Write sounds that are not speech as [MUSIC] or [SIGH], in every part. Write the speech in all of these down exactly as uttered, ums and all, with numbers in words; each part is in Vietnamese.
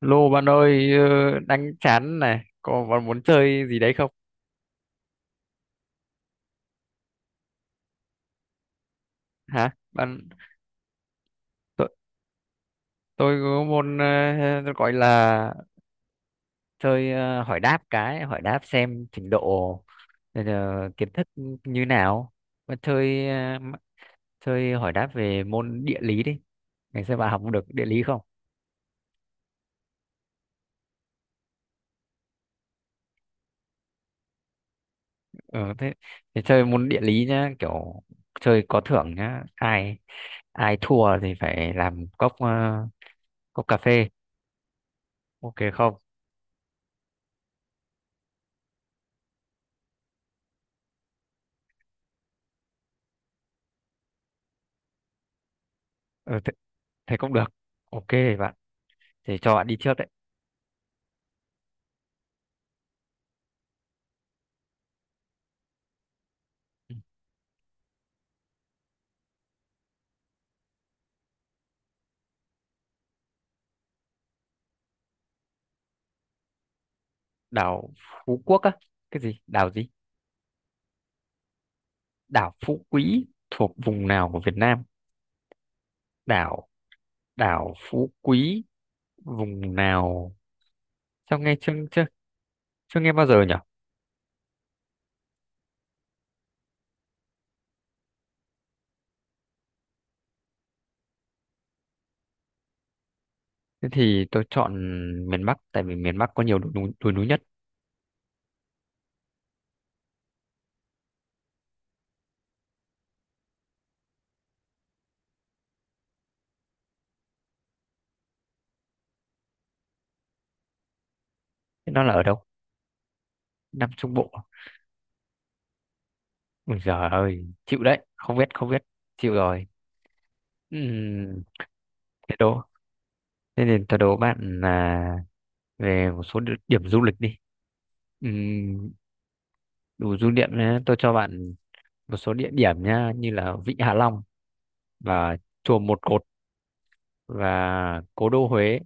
Lô bạn ơi, ờ, đang chán này, có bạn muốn chơi gì đấy không? Hả? Bạn tôi, tôi có môn ờ, gọi là chơi ờ, hỏi đáp cái, hỏi đáp xem trình độ ờ, kiến thức như nào. Bạn chơi ờ, m- chơi hỏi đáp về môn địa lý đi. Ngày xưa bạn học được địa lý không? Ờ thế, thế chơi môn địa lý nhá, kiểu chơi có thưởng nhá. Ai ai thua thì phải làm cốc ờ, cốc cà phê. Ok không? Ừ, thế cũng được, ok, bạn thì cho bạn đi trước đấy. Đảo Phú Quốc á? Cái gì đảo gì? Đảo Phú Quý thuộc vùng nào của Việt Nam? Đảo, đảo Phú Quý vùng nào? Sao nghe chưa chưa chưa nghe bao giờ nhỉ? Thế thì tôi chọn miền Bắc tại vì miền Bắc có nhiều đồi núi, đồi núi nhất. Thế nó là ở đâu? Nam Trung Bộ? Ôi giời ơi chịu đấy, không biết không biết chịu rồi. Ừm, Thế đố, thế nên tôi đố bạn là về một số địa điểm du lịch đi. Đủ du niệm nhé, tôi cho bạn một số địa điểm nhá, như là Vịnh Hạ Long và chùa Một Cột và Cố đô Huế.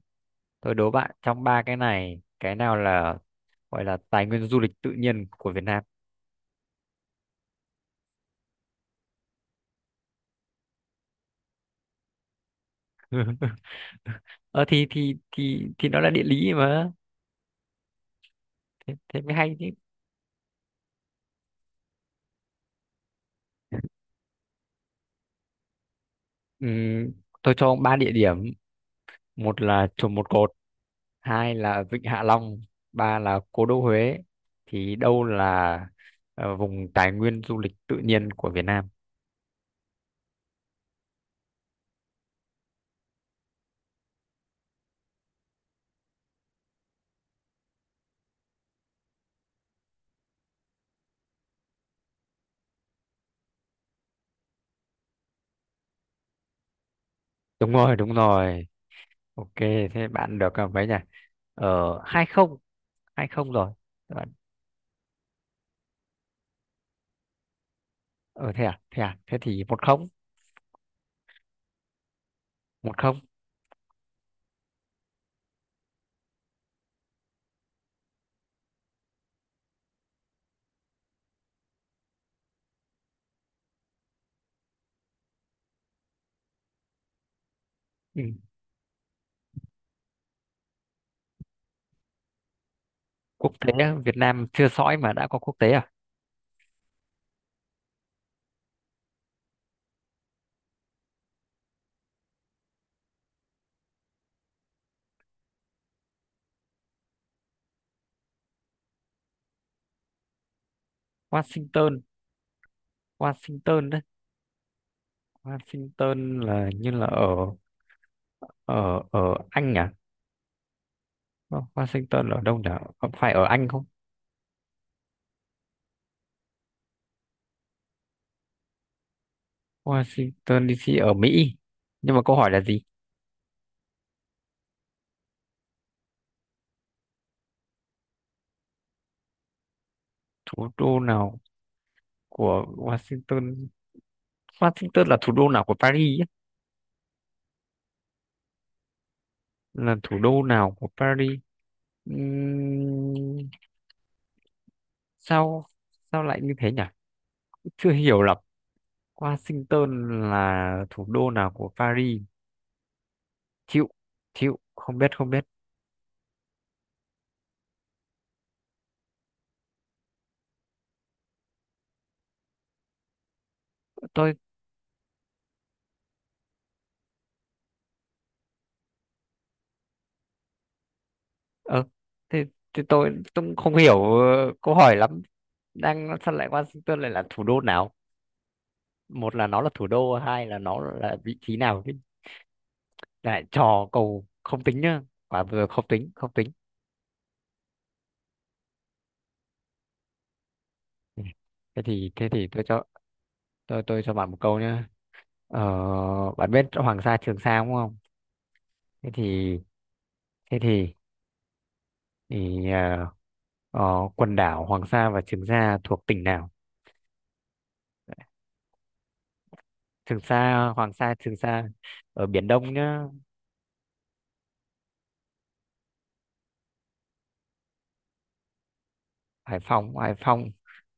Tôi đố bạn trong ba cái này cái nào là gọi là tài nguyên du lịch tự nhiên của Việt Nam. [LAUGHS] Ờ thì thì thì thì nó là địa lý mà, thế, thế mới hay chứ. Ừm, tôi cho ông ba địa điểm: một là chùa Một Cột, hai là Vịnh Hạ Long, ba là Cố đô Huế, thì đâu là ờ, vùng tài nguyên du lịch tự nhiên của Việt Nam? Đúng rồi, đúng rồi. Ok, thế bạn được à, mấy nhỉ? Ờ, hai không, hai không rồi. Các Bạn, ờ thế à, thế à, thế thì một không, một không. Ừ. Quốc tế á, Việt Nam chưa sõi mà đã có quốc tế à? Washington, Washington đấy. Washington là như là ở ở ở Anh à? Wa- Washington ở đâu nhỉ? Có phải ở Anh không? Washington di xi ở Mỹ. Nhưng mà câu hỏi là gì? Thủ đô nào của Washington? Washington là thủ đô nào của Paris? Là thủ đô nào của Paris? Ừm, sao sao lại như thế nhỉ, chưa hiểu lắm. Washington là thủ đô nào của Paris? Chịu, chịu không biết, không biết. Tôi ờ thế, thế tôi tôi cũng không hiểu ờ, câu hỏi lắm. Đang sao lại Washington lại là thủ đô nào, một là nó là thủ đô hai là nó là vị trí nào chứ. Lại trò cầu không tính nhá, quả vừa không tính, không tính. Ừ. thế thì thế thì tôi cho, tôi tôi cho bạn một câu nhé. Ờ, bạn biết Hoàng Sa Trường Sa đúng không? Thế thì thế thì, thì ờ, ờ, quần đảo Hoàng Sa và Trường Sa thuộc tỉnh nào? Trường Sa, Hoàng Sa, Trường Sa ở Biển Đông nhá. Hải Phòng, Hải Phòng,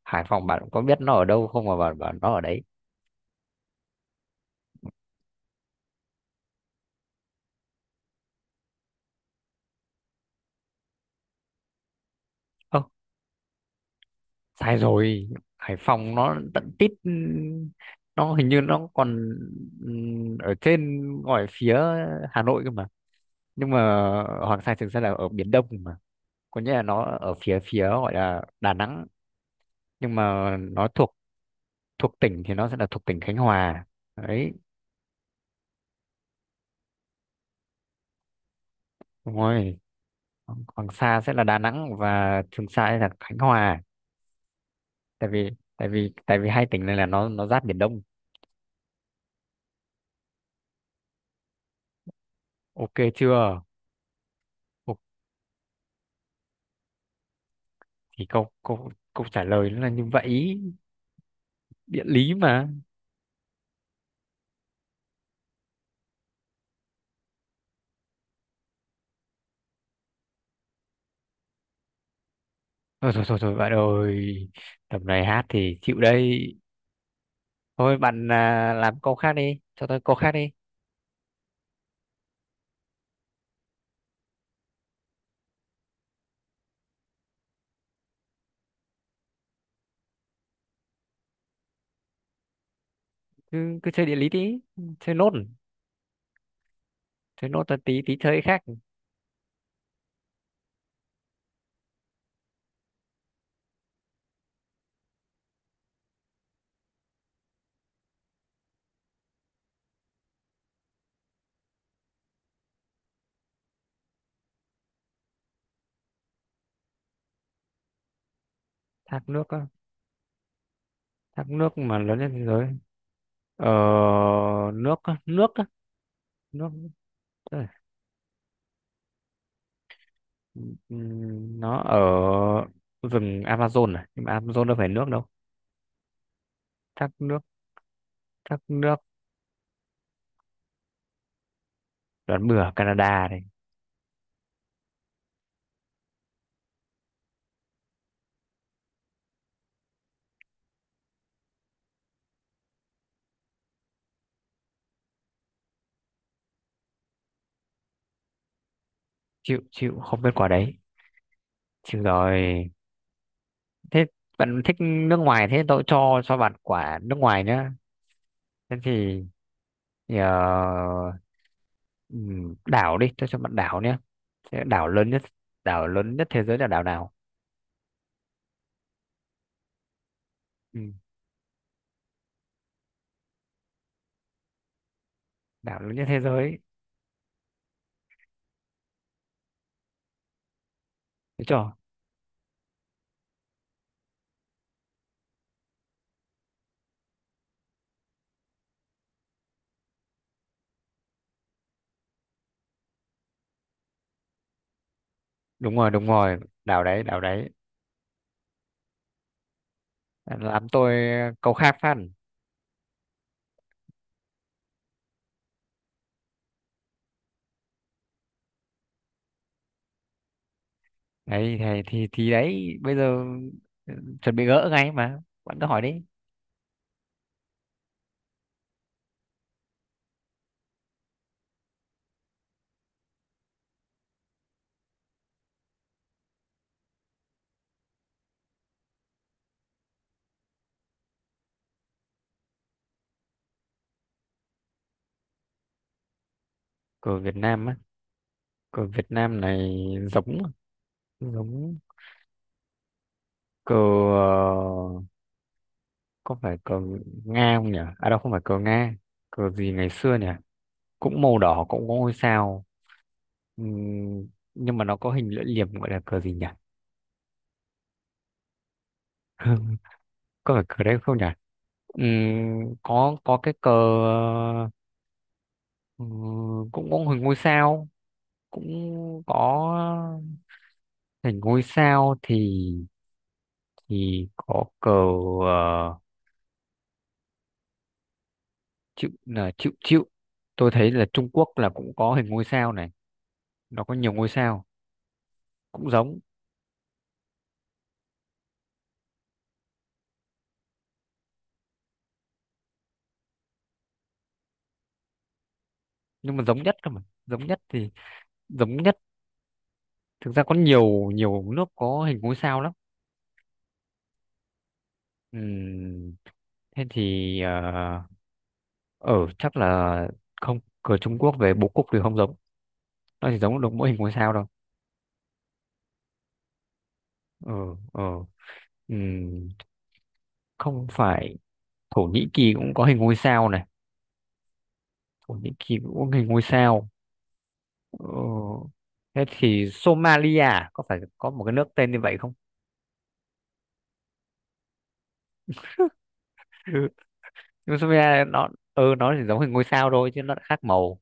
Hải Phòng bạn có biết nó ở đâu không mà bạn bảo nó ở đấy? Ơ, sai rồi. Hải Phòng nó tận tít, nó hình như nó còn ừm, ở trên ngoài phía Hà Nội cơ mà. Nhưng mà Hoàng Sa Trường Sa là ở Biển Đông mà. Có nghĩa là nó ở phía phía gọi là Đà Nẵng, nhưng mà nó thuộc, thuộc tỉnh thì nó sẽ là thuộc tỉnh Khánh Hòa, đấy, đúng rồi. Hoàng Hoàng Sa sẽ là Đà Nẵng và Trường Sa sẽ là Khánh Hòa. Tại vì tại vì tại vì hai tỉnh này là nó nó giáp biển Đông, ok chưa? Ok, thì câu câu câu trả lời nó là như vậy, địa lý mà. Thôi thôi thôi, thôi bạn ơi, tầm này hát thì chịu đây. Thôi bạn à, làm câu khác đi, cho tôi câu khác đi. Cứ cứ chơi địa lý đi, chơi nốt. Thế nốt là tí tí chơi khác. Thác nước á? Thác nước mà lớn nhất thế giới? Ờ, nước á, nước á, nước. ờ, ừm, nó ở rừng Amazon à, nhưng mà Amazon đâu phải nước đâu. Thác nước, thác nước, đoán bừa Canada này. Chịu, chịu không biết quả đấy, chịu rồi. Thế bạn thích nước ngoài, thế tôi cho cho bạn quả nước ngoài nhá. Thế thì ờ, ừm, đảo đi, cho cho bạn đảo nhé. Thế đảo lớn nhất, đảo lớn nhất thế giới là đảo nào? Ừ, đảo lớn nhất thế giới, đúng chưa? Đúng rồi, đúng rồi, đảo đấy, đảo đấy. Làm tôi câu khác phát. Đấy thì, thì thì đấy bây giờ, ừ, chuẩn bị gỡ ngay mà, bạn cứ hỏi đi. Cờ Việt Nam á? Cờ Việt Nam này giống, giống cờ, ờ, có phải cờ Nga không nhỉ? À đâu không phải cờ Nga. Cờ gì ngày xưa nhỉ, cũng màu đỏ cũng có ngôi sao. Ừm, nhưng mà nó có hình lưỡi liềm, gọi là cờ gì nhỉ? [LAUGHS] Có phải cờ đấy không nhỉ? Ừm, có có cái cờ ừm, cũng có hình ngôi sao, cũng có hình ngôi sao thì thì có cờ ờ, chữ là chữ chữ. Tôi thấy là Trung Quốc là cũng có hình ngôi sao này, nó có nhiều ngôi sao. Cũng giống nhưng mà giống nhất cơ mà. Giống nhất thì giống nhất. Thực ra có nhiều nhiều nước có hình ngôi sao lắm. Ừm, thế thì uh, ở chắc là không. Cờ Trung Quốc về bố cục thì không giống, nó chỉ giống được mỗi hình ngôi sao đâu. Ừ, ừ. Ừm, không phải. Thổ Nhĩ Kỳ cũng có hình ngôi sao này, Thổ Nhĩ Kỳ cũng có hình ngôi sao. Ừ. Thế thì Somalia à? Có phải có một cái nước tên như vậy không? [LAUGHS] Nhưng Somalia nó, ừ, nó chỉ giống hình ngôi sao thôi chứ nó lại khác màu.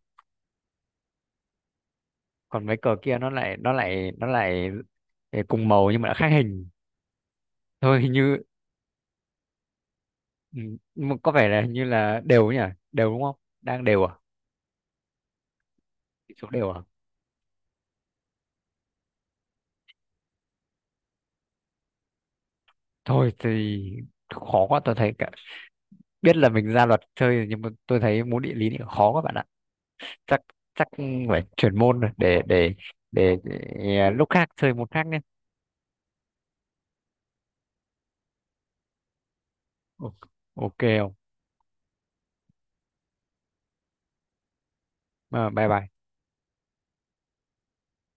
Còn mấy cờ kia nó lại nó lại nó lại cùng màu nhưng mà đã khác hình. Thôi hình như, ừ, nhưng mà có vẻ là hình như là đều nhỉ, đều đúng không? Đang đều à? Tỷ số đều à? Thôi thì khó quá, tôi thấy cả biết là mình ra luật chơi rồi, nhưng mà tôi thấy môn địa lý thì khó các bạn ạ. Chắc, chắc phải chuyển môn rồi để để để, để à, lúc khác chơi môn khác nhé. Ok, ok không? À, bye bye.